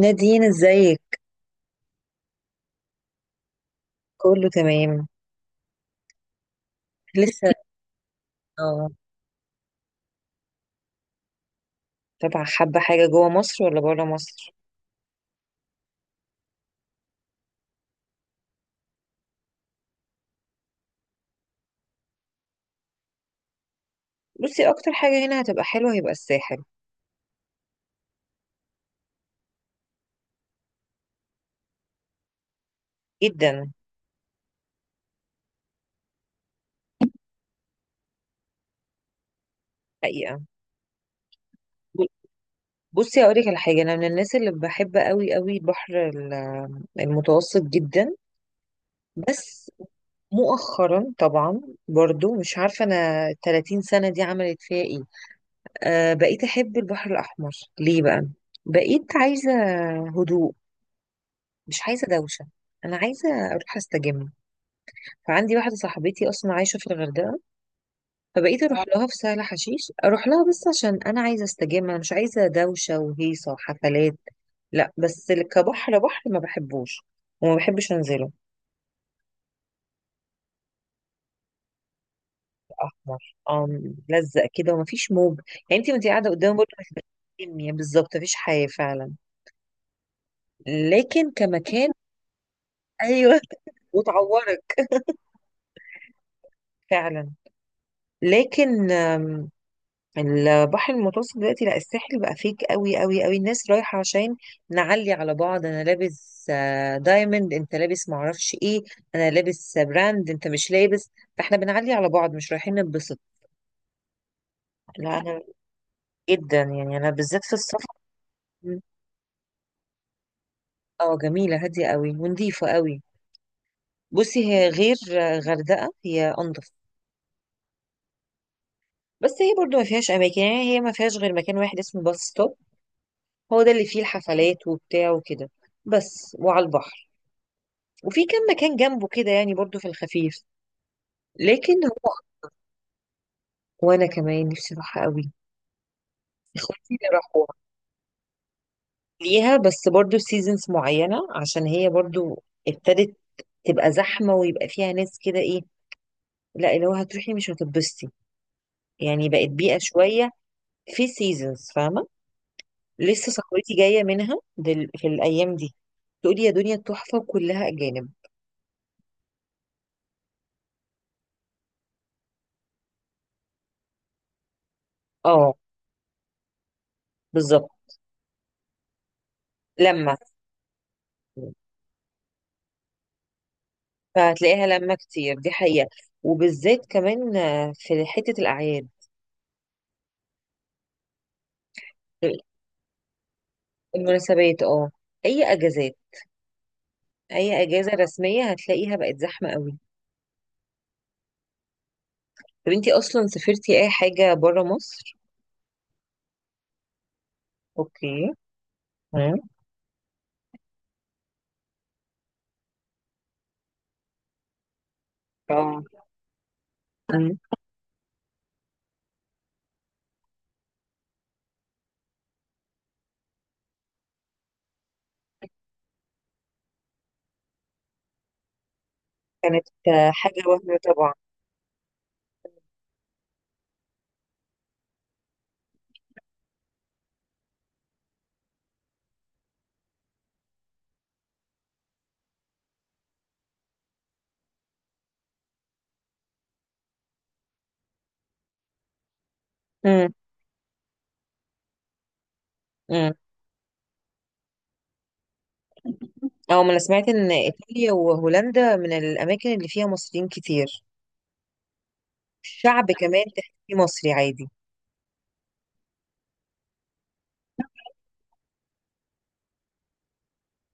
نادين ازيك. كله تمام. لسه اه. طبعا حابة حاجة جوه مصر ولا بره مصر. بصي اكتر حاجة هنا هتبقى حلوة هيبقى الساحل جدا حقيقة. ب- بصي هقولك على حاجة، انا من الناس اللي بحب قوي قوي البحر المتوسط جدا. بس مؤخرا طبعا برضو مش عارفة أنا 30 سنة دي عملت فيها إيه. آه بقيت أحب البحر الأحمر. ليه بقى؟ بقيت عايزة هدوء، مش عايزة دوشة. أنا عايزة أروح أستجم. فعندي واحدة صاحبتي أصلا عايشة في الغردقة، فبقيت أروح آه. لها في سهل حشيش، أروح لها بس عشان أنا عايزة أستجم، أنا مش عايزة دوشة وهيصة وحفلات. لا بس كبحر، بحر ما بحبوش وما بحبش أنزله. أحمر آه، ملزق كده ومفيش موج. يعني أنت وأنت قاعدة قدامه برضه هتتكلمي، بالظبط مفيش حياة فعلا. لكن كمكان. أيوه. وتعورك. فعلا. لكن البحر المتوسط دلوقتي، لا الساحل بقى فيك قوي قوي قوي. الناس رايحة عشان نعلي على بعض، انا لابس دايموند انت لابس معرفش ايه، انا لابس براند انت مش لابس. فاحنا بنعلي على بعض مش رايحين نتبسط. لا انا جدا يعني، انا بالذات في السفر. اه جميلة هادية قوي ونضيفة قوي. بصي هي غير غردقة، هي انضف. بس هي برضو ما فيهاش اماكن، يعني هي ما فيهاش غير مكان واحد اسمه باص ستوب، هو ده اللي فيه الحفلات وبتاع وكده. بس وعلى البحر، وفي كم مكان جنبه كده يعني برضو في الخفيف. لكن هو وانا كمان نفسي اروحها قوي. اخواتي اللي راحوها ليها، بس برضو سيزونز معينة عشان هي برضو ابتدت تبقى زحمة ويبقى فيها ناس كده ايه، لا اللي هو هتروحي مش هتتبسطي، يعني بقت بيئة شوية في سيزونز، فاهمة. لسه صاحبتي جاية منها دل في الأيام دي، تقولي يا دنيا تحفة وكلها أجانب. اه بالظبط. لما فهتلاقيها لما كتير دي حقيقة، وبالذات كمان في حتة الأعياد. المناسبات اه، أي أجازات، أي أجازة رسمية هتلاقيها بقت زحمة قوي. طب انتي أصلا سافرتي أي حاجة برا مصر؟ اوكي. مم. اه. مم. كانت حاجة وهم طبعا. مم. مم. اه ما أنا سمعت إن إيطاليا وهولندا من الأماكن اللي فيها مصريين كتير. الشعب كمان تحسيه مصري عادي.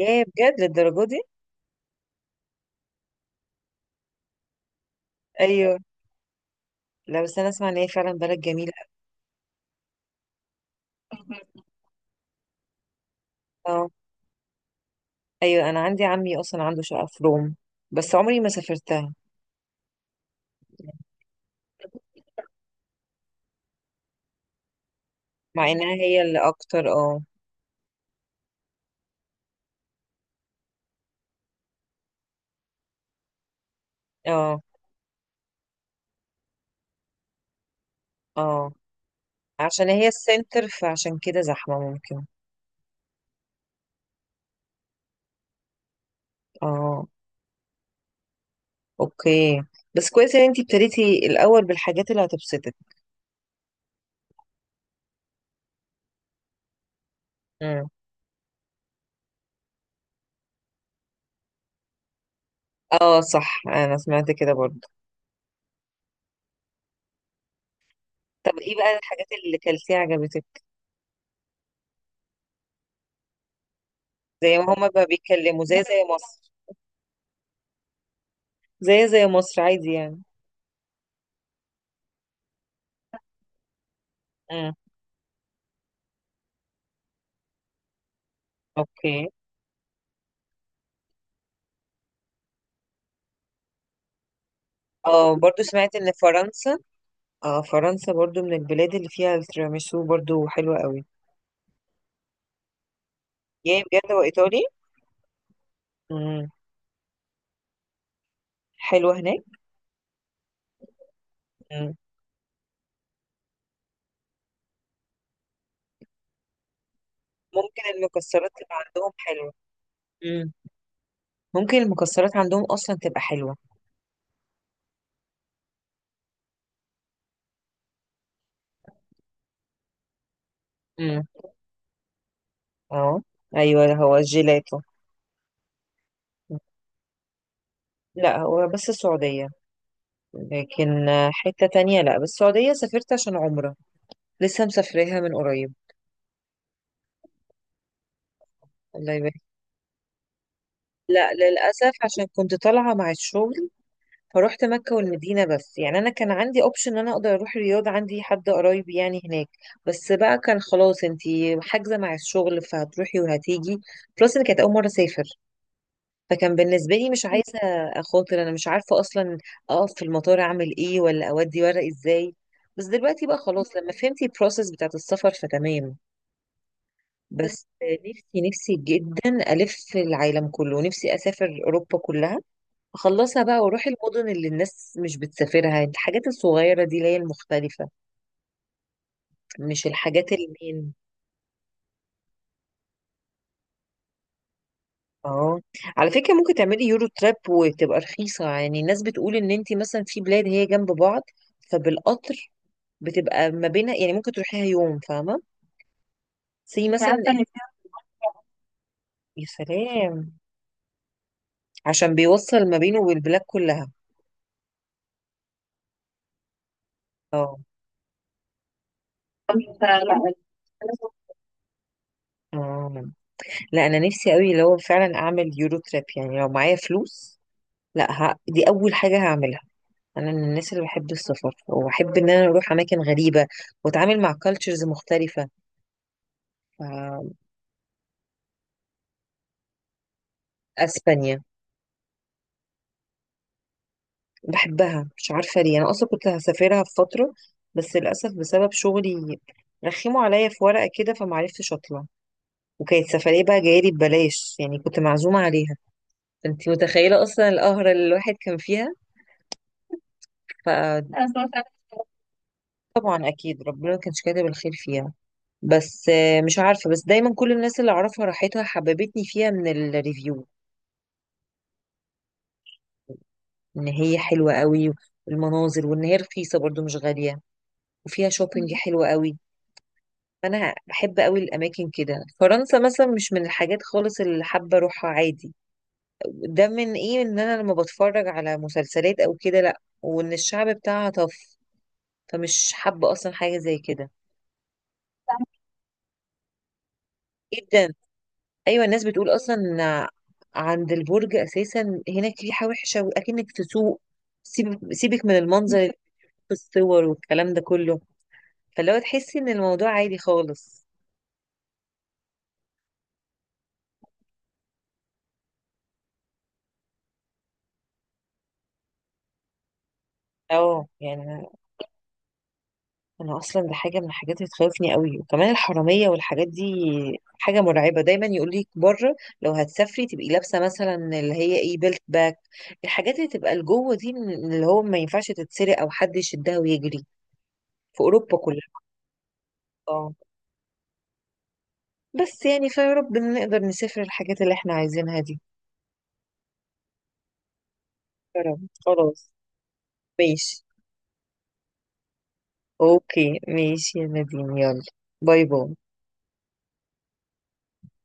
يا بجد للدرجة دي؟ أيوه. لا بس أنا أسمع إن هي فعلا بلد جميلة. اه. ايوه انا عندي عمي اصلا عنده شقه في روم، بس عمري ما سافرتها. مع انها هي اللي اكتر اه. اه. اه عشان هي السنتر فعشان كده زحمه ممكن. اه اوكي. بس كويس ان انتي ابتديتي الاول بالحاجات اللي هتبسطك. مم. اه صح انا سمعت كده برضه. طب ايه بقى الحاجات اللي كلتيها عجبتك؟ زي ما هما بقى بيتكلموا، زي مصر. زي مصر عادي يعني. امم. اوكي. اه برضه سمعت ان فرنسا. اه فرنسا برضو من البلاد اللي فيها التيراميسو برضو حلوة قوي. يا بجد وإيطالي. مم. حلوة هناك. مم. ممكن المكسرات تبقى عندهم حلوة. مم. ممكن المكسرات عندهم أصلا تبقى حلوة. مم. اه. أيوة هو الجيلاتو. مم. لا هو بس السعودية. لكن حتة تانية، لا بس السعودية سافرت عشان عمرة. لسه مسافراها من قريب. الله يبارك. لا للأسف عشان كنت طالعة مع الشغل، فروحت مكة والمدينة بس، يعني أنا كان عندي أوبشن إن أنا أقدر أروح الرياض، عندي حد قرايب يعني هناك. بس بقى كان خلاص أنتي حاجزة مع الشغل فهتروحي وهتيجي. بلس إن كانت أول مرة أسافر، فكان بالنسبة لي مش عايزة أخاطر، أنا مش عارفة أصلا أقف في المطار أعمل إيه ولا أودي ورق إزاي. بس دلوقتي بقى خلاص لما فهمت البروسيس بتاعت السفر فتمام. بس نفسي نفسي جدا ألف العالم كله، نفسي أسافر أوروبا كلها، خلصها بقى وروحي المدن اللي الناس مش بتسافرها، الحاجات الصغيرة دي اللي هي المختلفة، مش الحاجات المين. اه على فكرة ممكن تعملي يورو تراب وتبقى رخيصة، يعني الناس بتقول ان انت مثلا في بلاد هي جنب بعض، فبالقطر بتبقى ما بينها، يعني ممكن تروحيها يوم، فاهمة. سي انت مثلا عارفه ان في، يا سلام، عشان بيوصل ما بينه والبلاد كلها. اه. اه لا انا نفسي قوي لو فعلا اعمل يورو تراب، يعني لو معايا فلوس، لا دي اول حاجة هعملها. انا من الناس اللي بحب السفر، واحب ان انا اروح اماكن غريبه واتعامل مع كالتشرز مختلفه. ف- اسبانيا، بحبها مش عارفه ليه، انا اصلا كنت هسافرها في فتره بس للاسف بسبب شغلي رخموا عليا في ورقه كده فمعرفتش اطلع، وكانت سفريه بقى جايلي ببلاش يعني كنت معزومه عليها، فانت متخيله اصلا القهره اللي الواحد كان فيها. فطبعا اكيد ربنا ما كانش كاتب الخير فيها. بس مش عارفه، بس دايما كل الناس اللي اعرفها راحتها حببتني فيها من الريفيو ان هي حلوه قوي، والمناظر وان هي رخيصه برضو مش غاليه، وفيها شوبينج حلوه قوي. فانا بحب قوي الاماكن كده. فرنسا مثلا مش من الحاجات خالص اللي حابه اروحها عادي، ده من ايه ان انا لما بتفرج على مسلسلات او كده، لا وان الشعب بتاعها طف، فمش حابه اصلا حاجه زي كده. جدا. ايوه الناس بتقول اصلا إن عند البرج اساسا هناك ريحه وحشه واكنك في سوق، سيبك سيبك من المنظر في الصور والكلام ده كله، فاللي هو تحسي ان الموضوع عادي خالص. اه يعني انا، أنا اصلا دي حاجه من الحاجات اللي تخوفني قوي، وكمان الحراميه والحاجات دي حاجه مرعبه، دايما يقول لك بره لو هتسافري تبقي لابسه مثلا اللي هي ايه بيلت باك، الحاجات اللي تبقى لجوه دي، من اللي هو ما ينفعش تتسرق او حد يشدها ويجري، في اوروبا كلها. اه. بس يعني فيا رب إن نقدر نسافر الحاجات اللي احنا عايزينها دي. يا رب. خلاص. ماشي. اوكي ماشي يا نادين، يلا. باي باي.